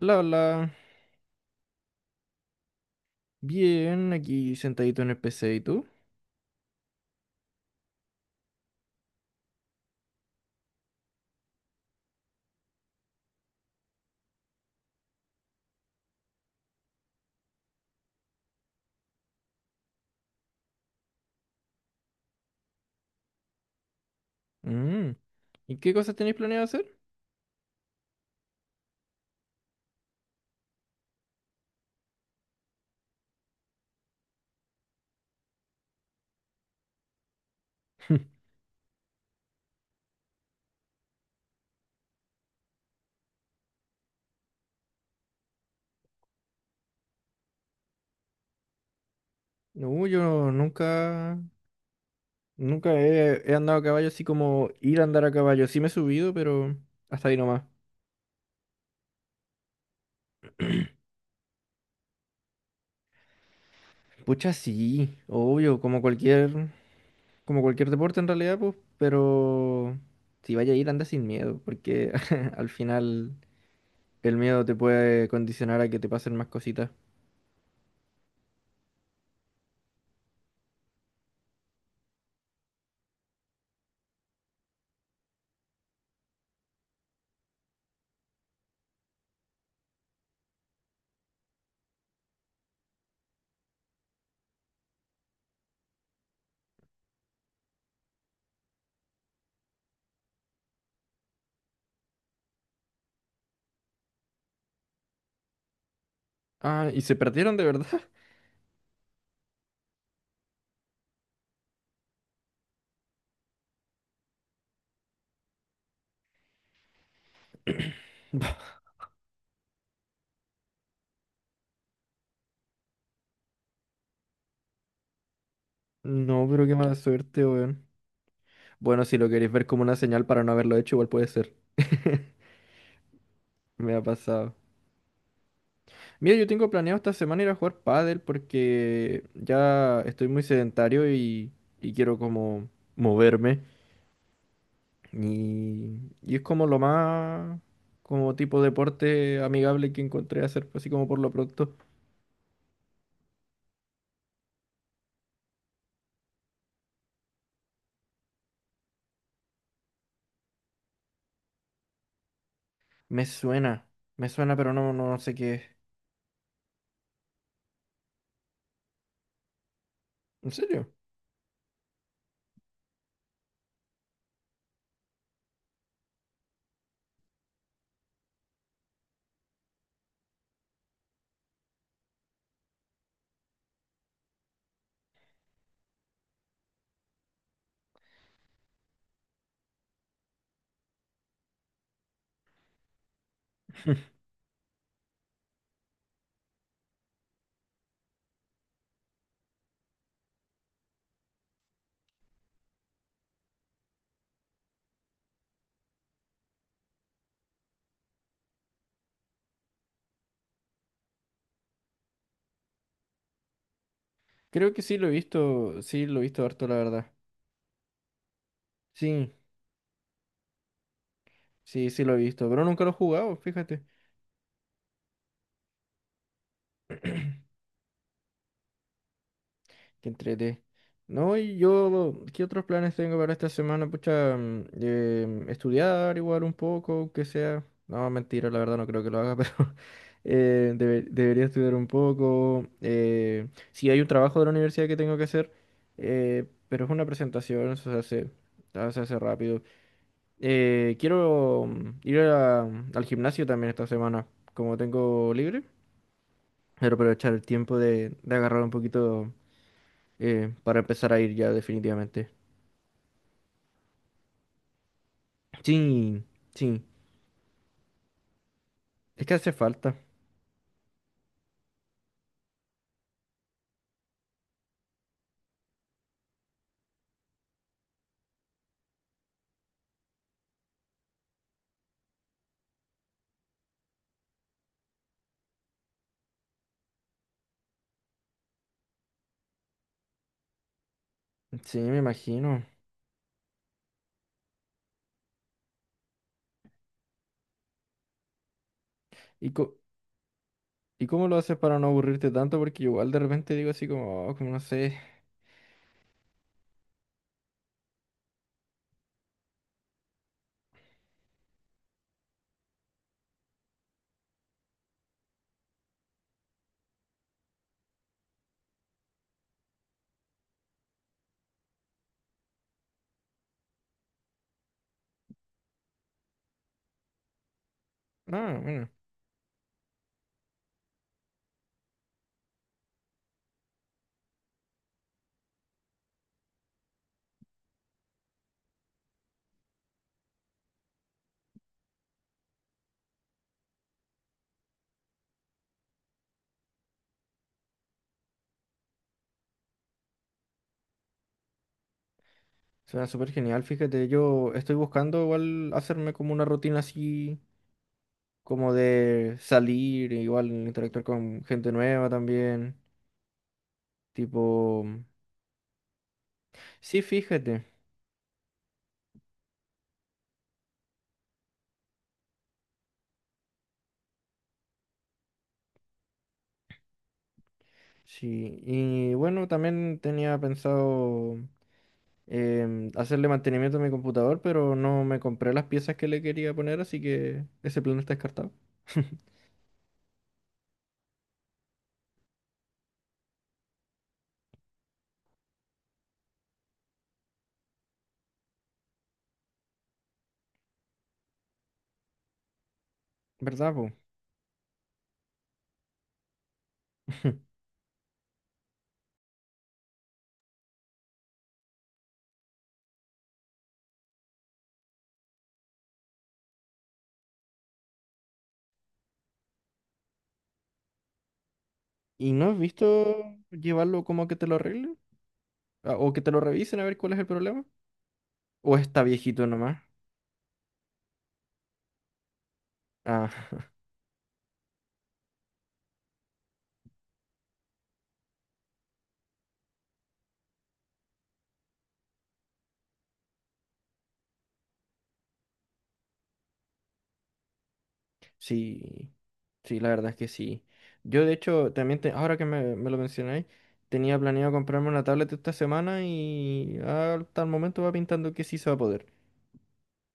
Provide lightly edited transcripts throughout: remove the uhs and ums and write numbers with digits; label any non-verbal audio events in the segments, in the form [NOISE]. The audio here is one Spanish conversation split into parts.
Bla, bla. Bien, aquí sentadito en el PC, ¿y tú? Mm. ¿Y qué cosas tenéis planeado hacer? [LAUGHS] No, yo nunca he andado a caballo, así como ir a andar a caballo. Sí me he subido, pero hasta ahí nomás. Pucha, sí, obvio, como cualquier deporte en realidad, pues, pero si vaya a ir, anda sin miedo, porque [LAUGHS] al final el miedo te puede condicionar a que te pasen más cositas. Ah, ¿y se perdieron de verdad? [LAUGHS] No, pero qué mala suerte, weón. Bueno, si lo queréis ver como una señal para no haberlo hecho, igual puede ser. [LAUGHS] Me ha pasado. Mira, yo tengo planeado esta semana ir a jugar pádel porque ya estoy muy sedentario y quiero como moverme. Y, y es como lo más, como tipo deporte amigable que encontré hacer, así como por lo pronto. Me suena, me suena, pero no sé qué es. ¿En serio? [LAUGHS] Creo que sí lo he visto, sí lo he visto harto, la verdad. Sí, sí, sí lo he visto, pero nunca lo he jugado, fíjate. Que entrete. No, y yo, ¿qué otros planes tengo para esta semana? Pucha, estudiar igual un poco, aunque sea. No, mentira, la verdad no creo que lo haga, [LAUGHS] pero debería estudiar un poco. Sí, hay un trabajo de la universidad que tengo que hacer, pero es una presentación, eso se hace, ah, se hace rápido. Quiero al gimnasio también esta semana, como tengo libre. Quiero aprovechar el tiempo de agarrar un poquito para empezar a ir ya definitivamente. Sí, sí, es que hace falta. Sí, me imagino. ¿Y, co- y cómo lo haces para no aburrirte tanto? Porque yo igual de repente digo así como: "Oh, como no sé". No, bueno, suena súper genial. Fíjate, yo estoy buscando igual hacerme como una rutina así, como de salir, igual interactuar con gente nueva también. Tipo, sí, fíjate. Sí, y bueno, también tenía pensado, hacerle mantenimiento a mi computador, pero no me compré las piezas que le quería poner, así que ese plan está descartado. [LAUGHS] ¿Verdad, po? [LAUGHS] ¿Y no has visto llevarlo como a que te lo arreglen? Ah, ¿o que te lo revisen a ver cuál es el problema? ¿O está viejito nomás? Ah, [LAUGHS] sí. Sí, la verdad es que sí. Yo, de hecho, también, ahora que me lo mencionáis, tenía planeado comprarme una tablet esta semana y hasta el momento va pintando que sí se va a poder.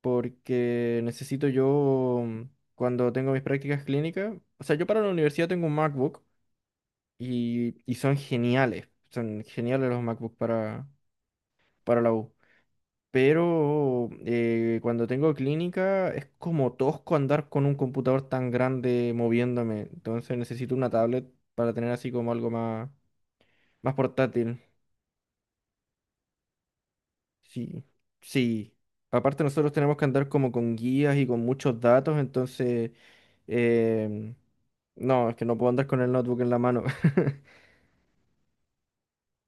Porque necesito yo, cuando tengo mis prácticas clínicas, o sea, yo para la universidad tengo un MacBook y son geniales los MacBook para la U. Pero cuando tengo clínica es como tosco andar con un computador tan grande moviéndome, entonces necesito una tablet para tener así como algo más, más portátil. Sí, sí. Aparte nosotros tenemos que andar como con guías y con muchos datos, entonces… em, no, es que no puedo andar con el notebook en la mano. [LAUGHS]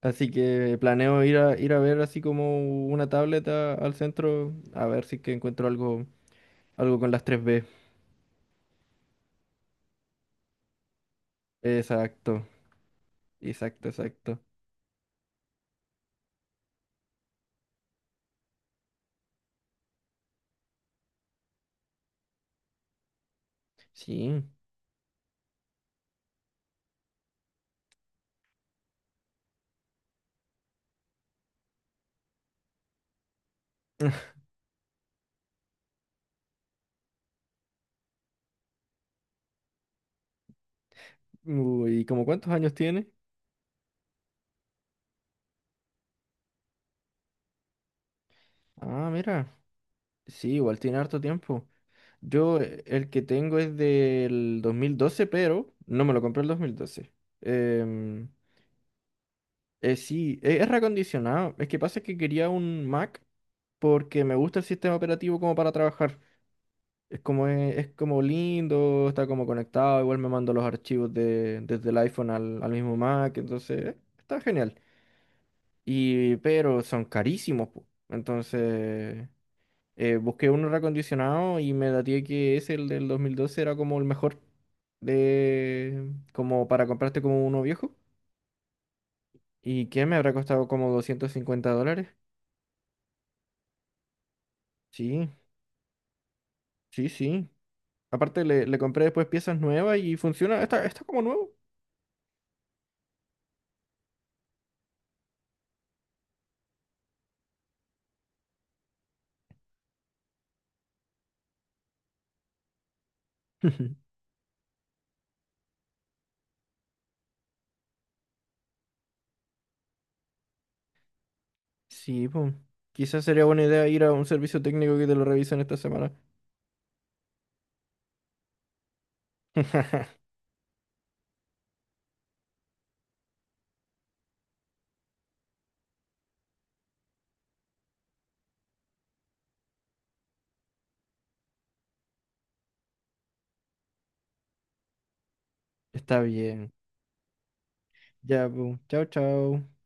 Así que planeo ir a ver así como una tableta al centro, a ver si es que encuentro algo, algo con las tres b. Exacto, exacto, exacto. Sí. Uy, ¿y como cuántos años tiene? Ah, mira. Sí, igual tiene harto tiempo. Yo el que tengo es del 2012, pero no me lo compré el 2012. Em, sí, es reacondicionado. Es que pasa que quería un Mac porque me gusta el sistema operativo como para trabajar. Es, como lindo, está como conectado, igual me mando los archivos desde el iPhone al, al mismo Mac, entonces está genial. Y, pero son carísimos, po. Entonces… busqué uno reacondicionado y me daté que ese, el del 2012, era como el mejor de… como para comprarte como uno viejo. ¿Y qué? Me habrá costado como $250. Sí, sí, sí. Aparte le compré después piezas nuevas y funciona. Está, está como nuevo. [LAUGHS] Sí, pues. Quizás sería buena idea ir a un servicio técnico que te lo revisen esta semana. [LAUGHS] Está bien. Ya, pues. Chao, chao.